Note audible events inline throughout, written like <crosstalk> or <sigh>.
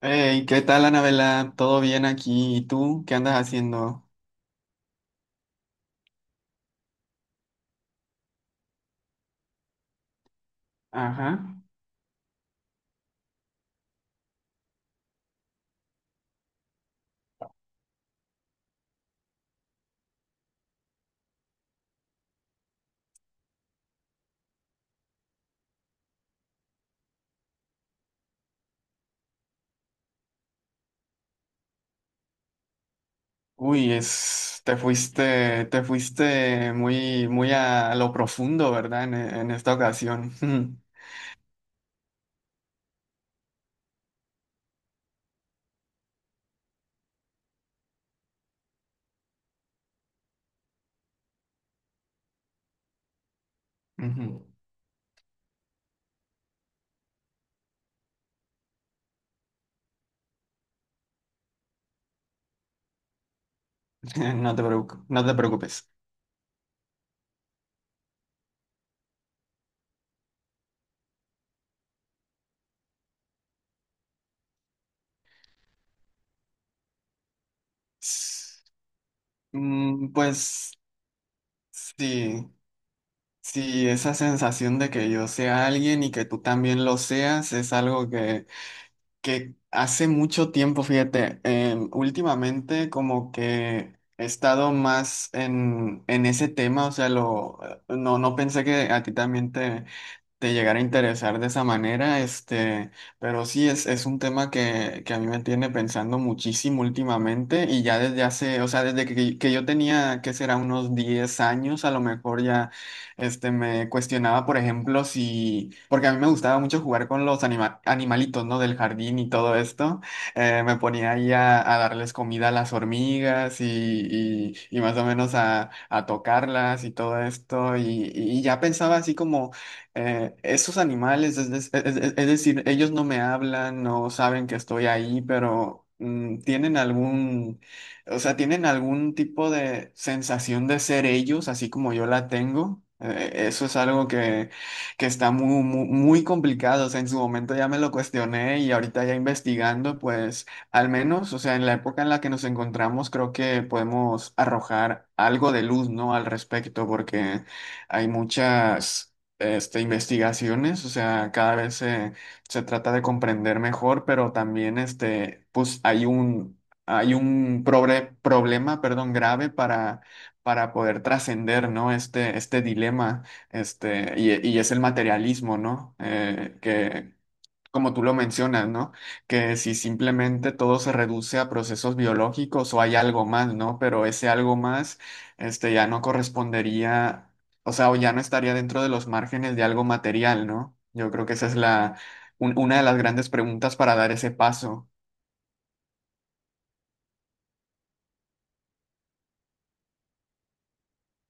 Hey, ¿qué tal, Anabela? ¿Todo bien aquí? ¿Y tú? ¿Qué andas haciendo? Ajá. Uy, es, te fuiste muy, muy a lo profundo, ¿verdad? En esta ocasión. <laughs> Ujú. <laughs> No te preocupes. S- Pues sí, sí, esa sensación de que yo sea alguien y que tú también lo seas es algo que hace mucho tiempo, fíjate, últimamente como que he estado más en ese tema, o sea, lo, no, no pensé que a ti también te llegara a interesar de esa manera, este, pero sí es un tema que a mí me tiene pensando muchísimo últimamente y ya desde hace, o sea, desde que yo tenía, ¿que será? Unos 10 años, a lo mejor ya, este, me cuestionaba, por ejemplo, si, porque a mí me gustaba mucho jugar con los animalitos, ¿no? Del jardín y todo esto, me ponía ahí a darles comida a las hormigas y más o menos a tocarlas y todo esto y ya pensaba así como esos animales, es, es decir, ellos no me hablan, no saben que estoy ahí, pero tienen algún, o sea, tienen algún tipo de sensación de ser ellos, así como yo la tengo. Eso es algo que está muy, muy, muy complicado. O sea, en su momento ya me lo cuestioné y ahorita ya investigando, pues al menos, o sea, en la época en la que nos encontramos, creo que podemos arrojar algo de luz, ¿no? Al respecto, porque hay muchas este, investigaciones, o sea, cada vez se, se trata de comprender mejor, pero también este, pues hay un problema, perdón, grave para poder trascender, ¿no? Este dilema, este, y es el materialismo, ¿no? Que, como tú lo mencionas, ¿no? Que si simplemente todo se reduce a procesos biológicos o hay algo más, ¿no? Pero ese algo más, este, ya no correspondería, o sea, o ya no estaría dentro de los márgenes de algo material, ¿no? Yo creo que esa es la, una de las grandes preguntas para dar ese paso.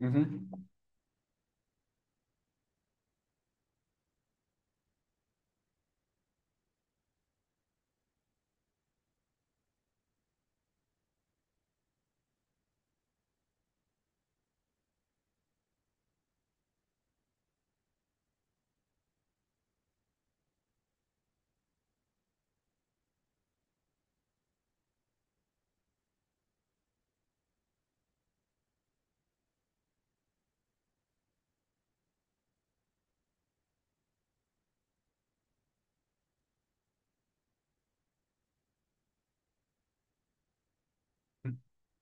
Ujú.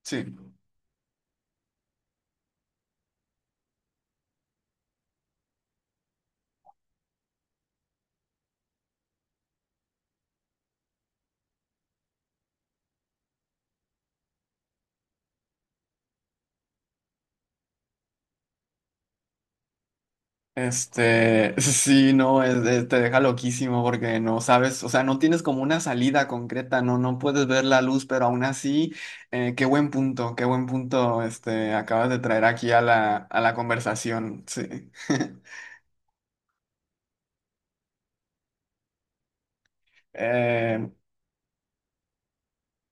Sí. Este, <laughs> sí, no, te deja loquísimo porque no sabes, o sea, no tienes como una salida concreta, no, no puedes ver la luz, pero aún así, qué buen punto, este, acabas de traer aquí a la conversación, sí. <laughs> Eh,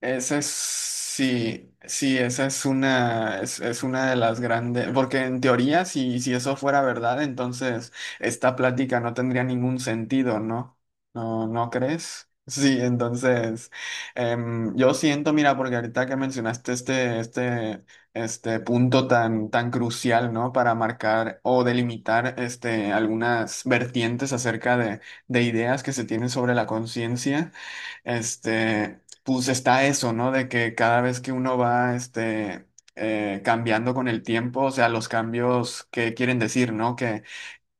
Esa es, sí, sí, esa es una de las grandes, porque en teoría, si, si eso fuera verdad, entonces esta plática no tendría ningún sentido, ¿no? ¿No, no crees? <laughs> Sí, entonces, yo siento, mira, porque ahorita que mencionaste este, este, este punto tan, tan crucial, ¿no? Para marcar o delimitar, este, algunas vertientes acerca de ideas que se tienen sobre la conciencia. Este, pues está eso, ¿no? De que cada vez que uno va, este, cambiando con el tiempo, o sea, los cambios que quieren decir, ¿no? Que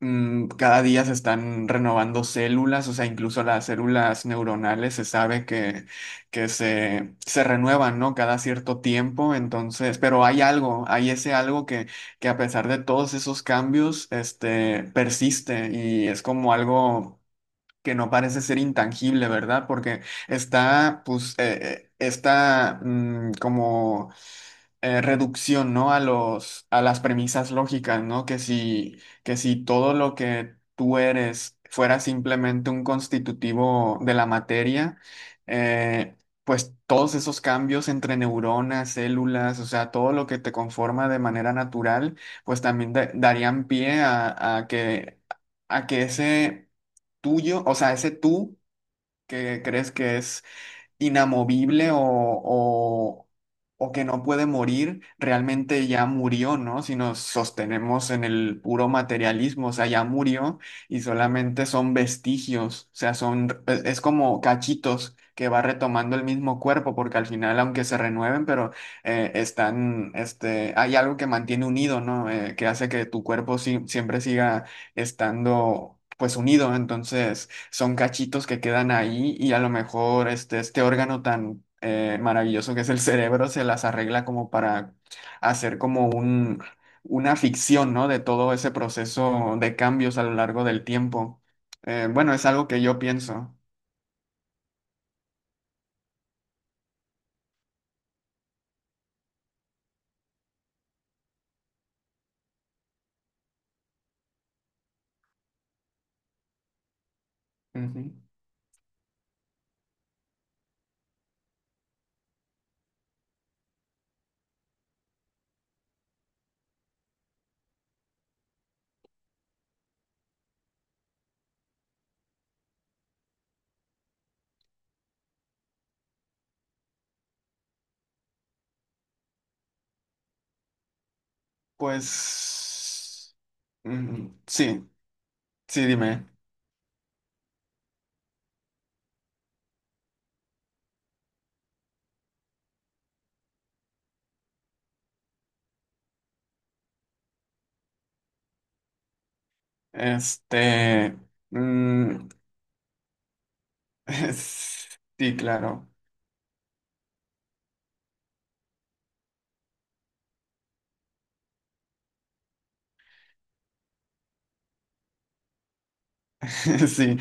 cada día se están renovando células, o sea, incluso las células neuronales se sabe que se renuevan, ¿no? Cada cierto tiempo, entonces, pero hay algo, hay ese algo que a pesar de todos esos cambios, este, persiste y es como algo que no parece ser intangible, ¿verdad? Porque está, pues, está como reducción, ¿no? A los, a las premisas lógicas, ¿no? Que si todo lo que tú eres fuera simplemente un constitutivo de la materia, eh, pues todos esos cambios entre neuronas, células, o sea, todo lo que te conforma de manera natural, pues también darían pie a que ese tuyo, o sea, ese tú que crees que es inamovible o que no puede morir, realmente ya murió, ¿no? Si nos sostenemos en el puro materialismo, o sea, ya murió y solamente son vestigios, o sea, son, es como cachitos que va retomando el mismo cuerpo, porque al final, aunque se renueven, pero están, este, hay algo que mantiene unido, ¿no? Que hace que tu cuerpo siempre siga estando, pues, unido, entonces son cachitos que quedan ahí y a lo mejor este, este órgano tan maravilloso que es el cerebro se las arregla como para hacer como un, una ficción, ¿no? De todo ese proceso de cambios a lo largo del tiempo. Bueno, es algo que yo pienso. Ujú. Pues sí, sí, dime. Este, mm, <laughs> sí, claro, <laughs> sí.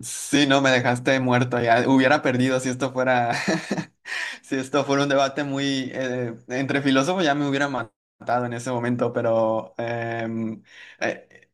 Sí, no, me dejaste muerto ya. Hubiera perdido si esto fuera, <laughs> si esto fuera un debate muy entre filósofos ya me hubiera matado en ese momento, pero eh,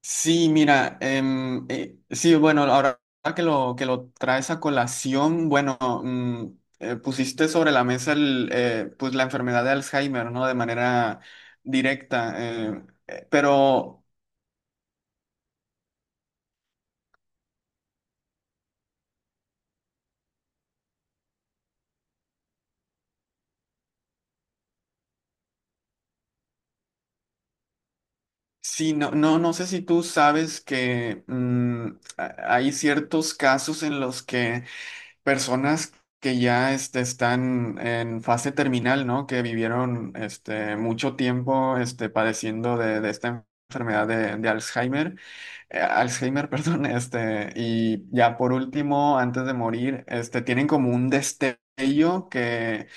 sí, mira, em, sí, bueno, ahora que lo traes a colación, bueno, pusiste sobre la mesa el, pues la enfermedad de Alzheimer, ¿no? De manera directa, pero sí, no, no, no sé si tú sabes que hay ciertos casos en los que personas que ya este, están en fase terminal, ¿no? Que vivieron este, mucho tiempo este, padeciendo de esta enfermedad de Alzheimer, Alzheimer, <laughs> perdón, este, y ya por último, antes de morir, este, tienen como un destello que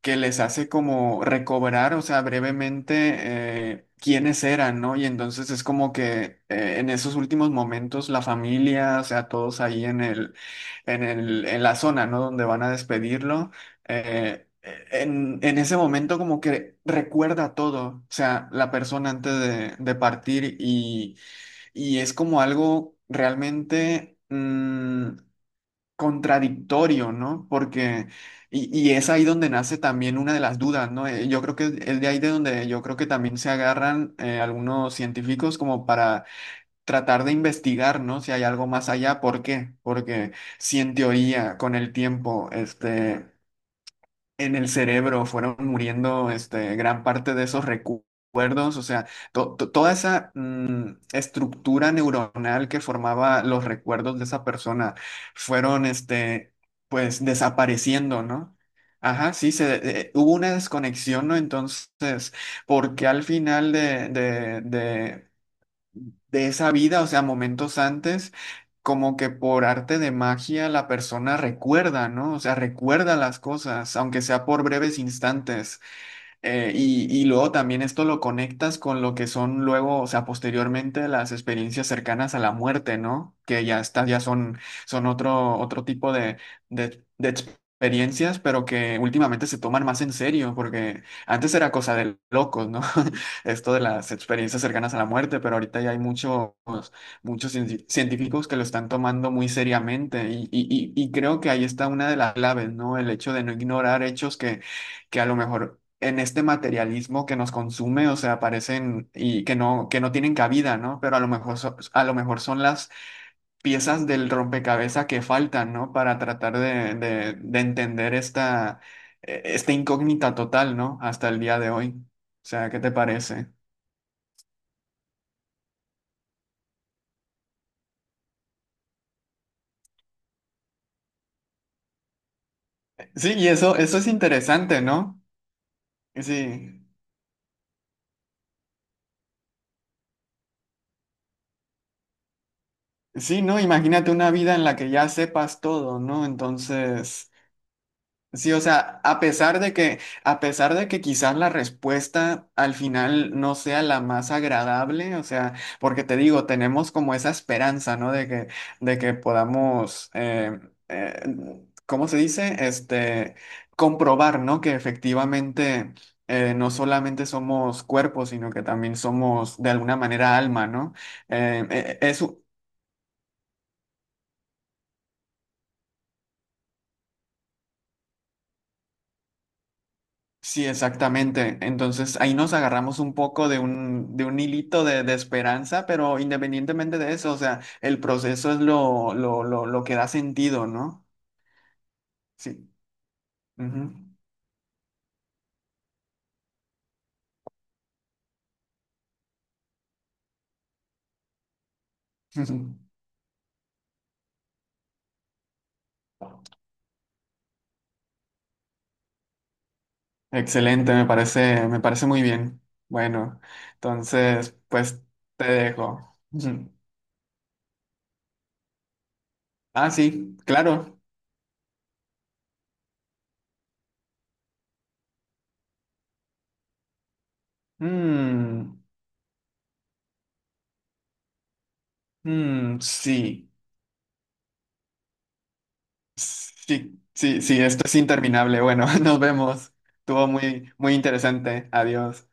que les hace como recobrar, o sea, brevemente quiénes eran, ¿no? Y entonces es como que en esos últimos momentos la familia, o sea, todos ahí en el, en el, en la zona, ¿no? Donde van a despedirlo, eh, en ese momento como que recuerda todo, o sea, la persona antes de partir y es como algo realmente... mm, contradictorio, ¿no? Porque, y es ahí donde nace también una de las dudas, ¿no? Yo creo que es de ahí de donde yo creo que también se agarran algunos científicos como para tratar de investigar, ¿no? Si hay algo más allá, ¿por qué? Porque si en teoría con el tiempo, este, en el cerebro fueron muriendo este, gran parte de esos recuerdos, o sea, toda esa estructura neuronal que formaba los recuerdos de esa persona fueron, este, pues, desapareciendo, ¿no? Ajá, sí, se, hubo una desconexión, ¿no? Entonces, porque al final de, de esa vida, o sea, momentos antes, como que por arte de magia la persona recuerda, ¿no? O sea, recuerda las cosas, aunque sea por breves instantes. Y luego también esto lo conectas con lo que son luego, o sea, posteriormente las experiencias cercanas a la muerte, ¿no? Que ya está, ya son, son otro, otro tipo de experiencias, pero que últimamente se toman más en serio, porque antes era cosa de locos, ¿no? <laughs> Esto de las experiencias cercanas a la muerte, pero ahorita ya hay muchos, muchos científicos que lo están tomando muy seriamente y, y creo que ahí está una de las claves, ¿no? El hecho de no ignorar hechos que a lo mejor en este materialismo que nos consume, o sea, aparecen y que no tienen cabida, ¿no? Pero a lo mejor, a lo mejor son las piezas del rompecabezas que faltan, ¿no? Para tratar de entender esta, esta incógnita total, ¿no? Hasta el día de hoy. O sea, ¿qué te parece? Sí, y eso es interesante, ¿no? Sí. Sí, ¿no? Imagínate una vida en la que ya sepas todo, ¿no? Entonces, sí, o sea, a pesar de que, a pesar de que quizás la respuesta al final no sea la más agradable, o sea, porque te digo, tenemos como esa esperanza, ¿no? De que podamos, eh, ¿cómo se dice? Este, comprobar, ¿no? Que efectivamente no solamente somos cuerpos, sino que también somos de alguna manera alma, ¿no? Es, sí, exactamente. Entonces ahí nos agarramos un poco de un hilito de esperanza, pero independientemente de eso, o sea, el proceso es lo que da sentido, ¿no? Sí. Ujú. <laughs> Excelente, me parece muy bien. Bueno, entonces, pues te dejo. <laughs> Ujú. Ah, sí, claro. Mm, sí. Sí, sí, sí, esto es interminable. Bueno, <laughs> nos vemos. Estuvo muy, muy interesante. Adiós.